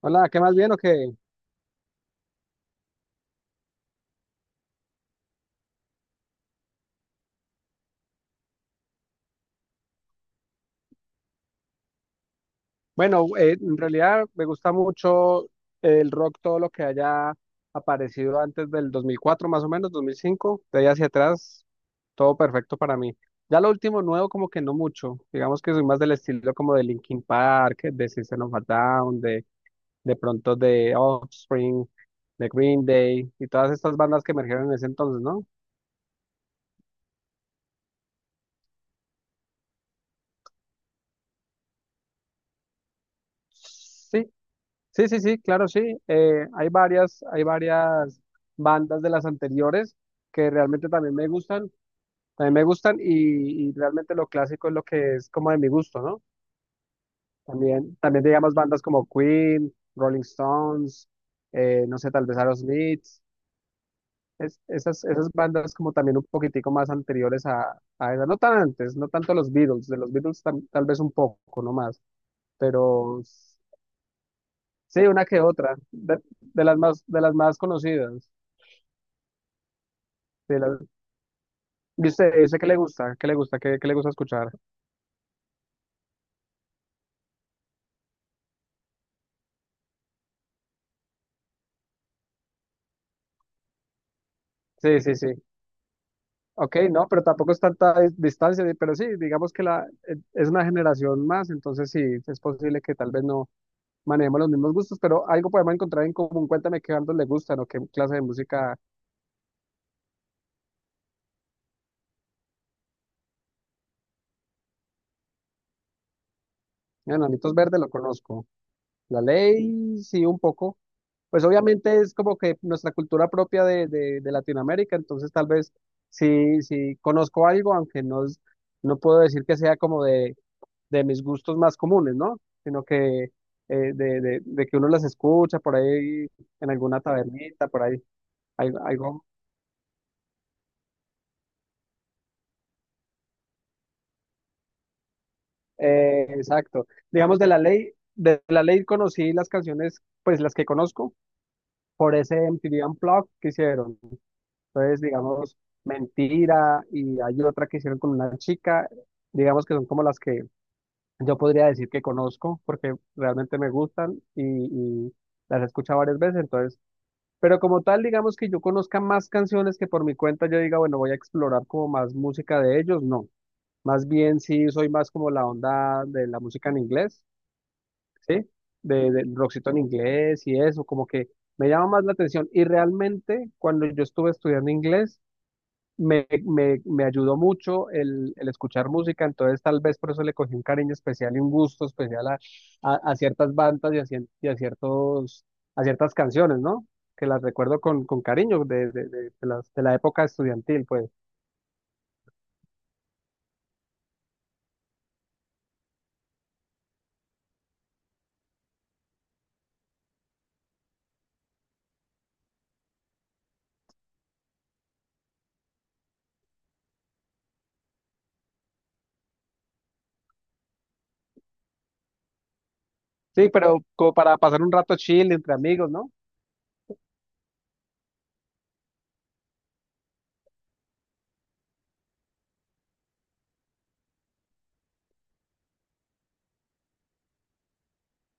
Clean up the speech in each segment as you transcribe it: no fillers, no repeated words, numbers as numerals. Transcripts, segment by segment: Hola, ¿qué más bien o qué? Bueno, en realidad me gusta mucho el rock, todo lo que haya aparecido antes del 2004, más o menos, 2005, de ahí hacia atrás, todo perfecto para mí. Ya lo último nuevo como que no mucho, digamos que soy más del estilo como de Linkin Park, de System of a Down, de pronto de Offspring, de Green Day y todas estas bandas que emergieron en ese entonces, ¿no? Sí, sí, sí, sí, claro, sí. Hay varias bandas de las anteriores que realmente también me gustan, y realmente lo clásico es lo que es como de mi gusto, ¿no? También, también digamos bandas como Queen, Rolling Stones, no sé, tal vez Aerosmith, esas, esas bandas como también un poquitico más anteriores a esas, no tan antes, no tanto los Beatles, de los Beatles tal vez un poco, no más, pero sí, una que otra, de las más conocidas. Sí, la- ¿Y usted dice que le gusta? ¿Qué le gusta? ¿Qué le gusta escuchar? Sí, sí, sí. Ok, no, pero tampoco es tanta distancia, pero sí, digamos que la es una generación más, entonces sí, es posible que tal vez no manejemos los mismos gustos, pero algo podemos encontrar en común. Cuéntame qué bandos le gustan o qué clase de música. Bueno, Anitos Verdes lo conozco. La Ley, sí, un poco. Pues obviamente es como que nuestra cultura propia de Latinoamérica, entonces tal vez sí, sí, conozco algo, aunque no, no puedo decir que sea como de mis gustos más comunes, ¿no? Sino que de que uno las escucha por ahí en alguna tabernita, por ahí, algo, algo, exacto. Digamos, de la ley conocí las canciones, pues las que conozco, por ese MTV Unplugged que hicieron. Entonces, digamos, mentira, y hay otra que hicieron con una chica, digamos que son como las que yo podría decir que conozco, porque realmente me gustan y las he escuchado varias veces. Entonces, pero como tal, digamos que yo conozca más canciones que por mi cuenta yo diga, bueno, voy a explorar como más música de ellos, no. Más bien sí soy más como la onda de la música en inglés, ¿sí? De, del rockcito en inglés y eso, como que me llama más la atención. Y realmente cuando yo estuve estudiando inglés, me ayudó mucho el escuchar música, entonces tal vez por eso le cogí un cariño especial y un gusto especial a ciertas bandas y a, y a ciertos, a ciertas canciones, ¿no? Que las recuerdo con cariño de las, de la época estudiantil, pues. Sí, pero como para pasar un rato chill entre amigos, ¿no?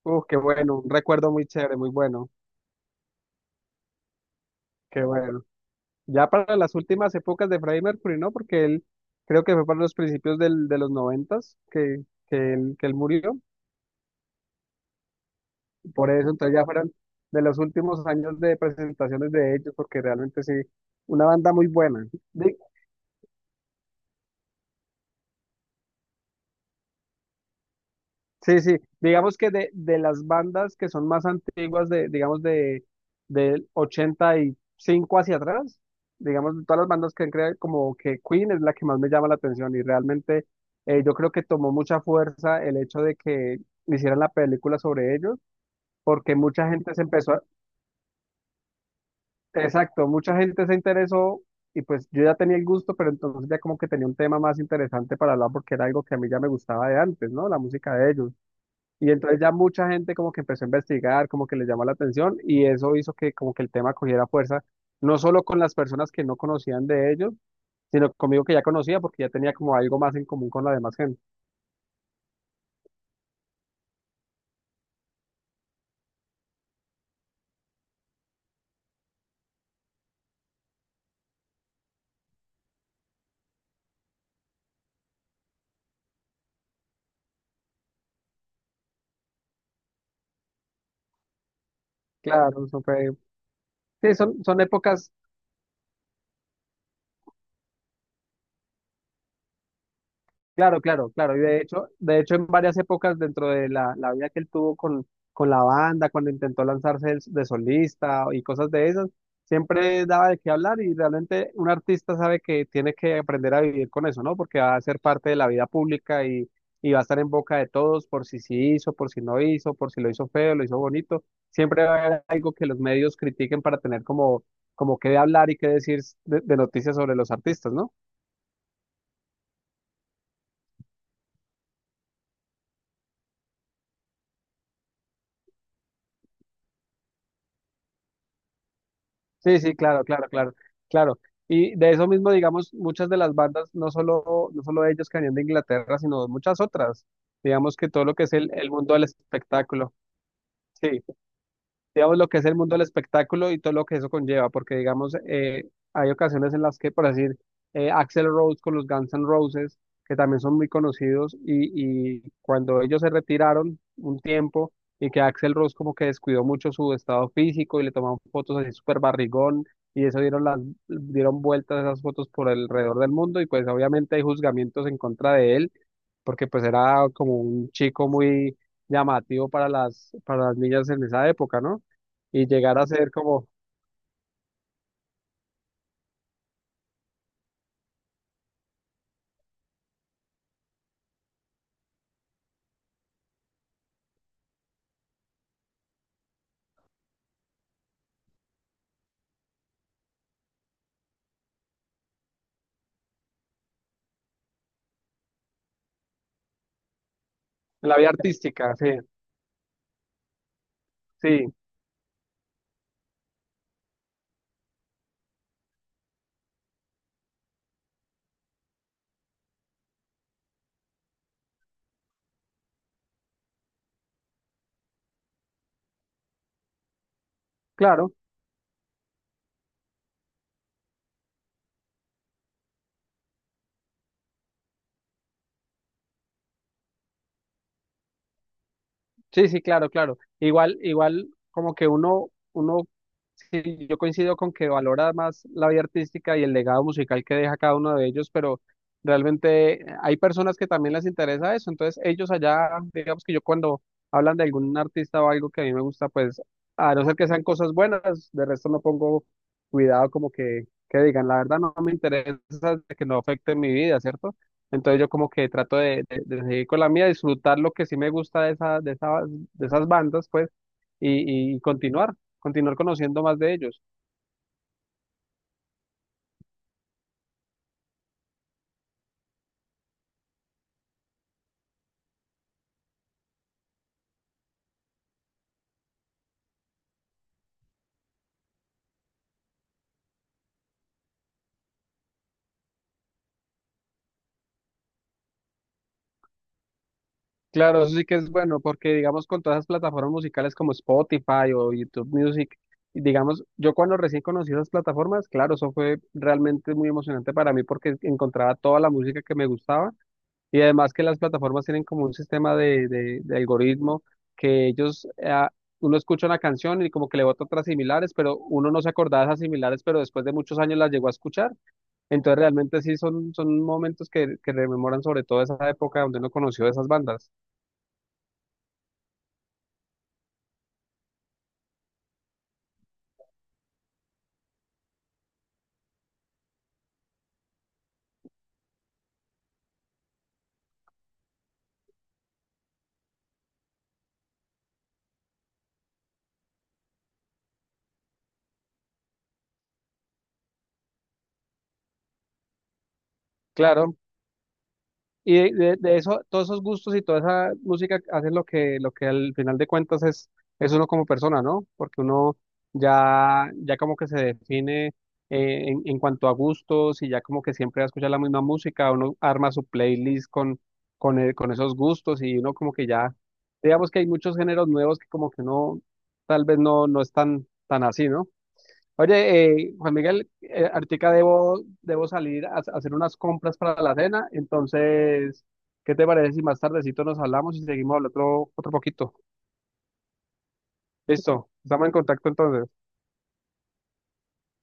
Uf, qué bueno, un recuerdo muy chévere, muy bueno, qué bueno. Ya para las últimas épocas de Freddie Mercury, ¿no? Porque él creo que fue para los principios de los noventas que, que él murió. Por eso, entonces ya fueron de los últimos años de presentaciones de ellos, porque realmente sí, una banda muy buena. Di- sí, sí, digamos que de las bandas que son más antiguas, digamos de, del 85 hacia atrás, digamos de todas las bandas que han creado, como que Queen es la que más me llama la atención y realmente yo creo que tomó mucha fuerza el hecho de que hicieran la película sobre ellos, porque mucha gente se empezó a... Exacto, mucha gente se interesó y pues yo ya tenía el gusto, pero entonces ya como que tenía un tema más interesante para hablar porque era algo que a mí ya me gustaba de antes, ¿no? La música de ellos. Y entonces ya mucha gente como que empezó a investigar, como que les llamó la atención y eso hizo que como que el tema cogiera fuerza, no solo con las personas que no conocían de ellos, sino conmigo que ya conocía porque ya tenía como algo más en común con la demás gente. Claro, eso fue, sí, son, son épocas. Claro, claro, claro. Y de hecho, en varias épocas dentro de la vida que él tuvo con la banda, cuando intentó lanzarse de solista y cosas de esas, siempre daba de qué hablar y realmente un artista sabe que tiene que aprender a vivir con eso, ¿no? Porque va a ser parte de la vida pública y va a estar en boca de todos por si sí hizo, por si no hizo, por si lo hizo feo, lo hizo bonito. Siempre va a haber algo que los medios critiquen para tener como, como qué hablar y qué decir de noticias sobre los artistas, ¿no? Sí, sí, claro, claro, claro, claro. Y de eso mismo, digamos, muchas de las bandas, no solo ellos que venían de Inglaterra, sino muchas otras. Digamos que todo lo que es el mundo del espectáculo. Sí, digamos, lo que es el mundo del espectáculo y todo lo que eso conlleva, porque, digamos, hay ocasiones en las que, por decir, Axl Rose con los Guns N' Roses, que también son muy conocidos, y cuando ellos se retiraron un tiempo y que Axl Rose como que descuidó mucho su estado físico y le tomaban fotos así súper barrigón, y eso dieron, las, dieron vueltas esas fotos por alrededor del mundo, y pues obviamente hay juzgamientos en contra de él porque pues era como un chico muy llamativo para las niñas en esa época, ¿no? Y llegar a ser como en la vida artística, sí, sí, claro. Sí, sí, claro, claro. Igual, igual, como que uno, uno, sí, yo coincido con que valora más la vida artística y el legado musical que deja cada uno de ellos, pero realmente hay personas que también les interesa eso. Entonces, ellos allá, digamos que yo cuando hablan de algún artista o algo que a mí me gusta, pues, a no ser que sean cosas buenas, de resto no pongo cuidado como que digan, la verdad no me interesa que no afecte mi vida, ¿cierto? Entonces yo como que trato de seguir con la mía, disfrutar lo que sí me gusta de esa, de esas bandas, pues, y continuar, continuar conociendo más de ellos. Claro, eso sí que es bueno, porque digamos con todas las plataformas musicales como Spotify o YouTube Music, y digamos, yo cuando recién conocí esas plataformas, claro, eso fue realmente muy emocionante para mí porque encontraba toda la música que me gustaba. Y además que las plataformas tienen como un sistema de algoritmo que ellos, uno escucha una canción y como que le bota otras similares, pero uno no se acordaba de esas similares, pero después de muchos años las llegó a escuchar. Entonces realmente sí son, son momentos que rememoran sobre todo esa época donde uno conoció esas bandas. Claro. Y de eso, todos esos gustos y toda esa música hacen lo que al final de cuentas es uno como persona, ¿no? Porque uno ya, ya como que se define en cuanto a gustos y ya como que siempre va a escuchar la misma música, uno arma su playlist con, con esos gustos y uno como que ya, digamos que hay muchos géneros nuevos que como que uno tal vez no, no es tan, tan así, ¿no? Oye, Juan Miguel, ahorita debo salir a hacer unas compras para la cena, entonces, ¿qué te parece si más tardecito nos hablamos y seguimos hablando otro, otro poquito? Listo, estamos en contacto entonces.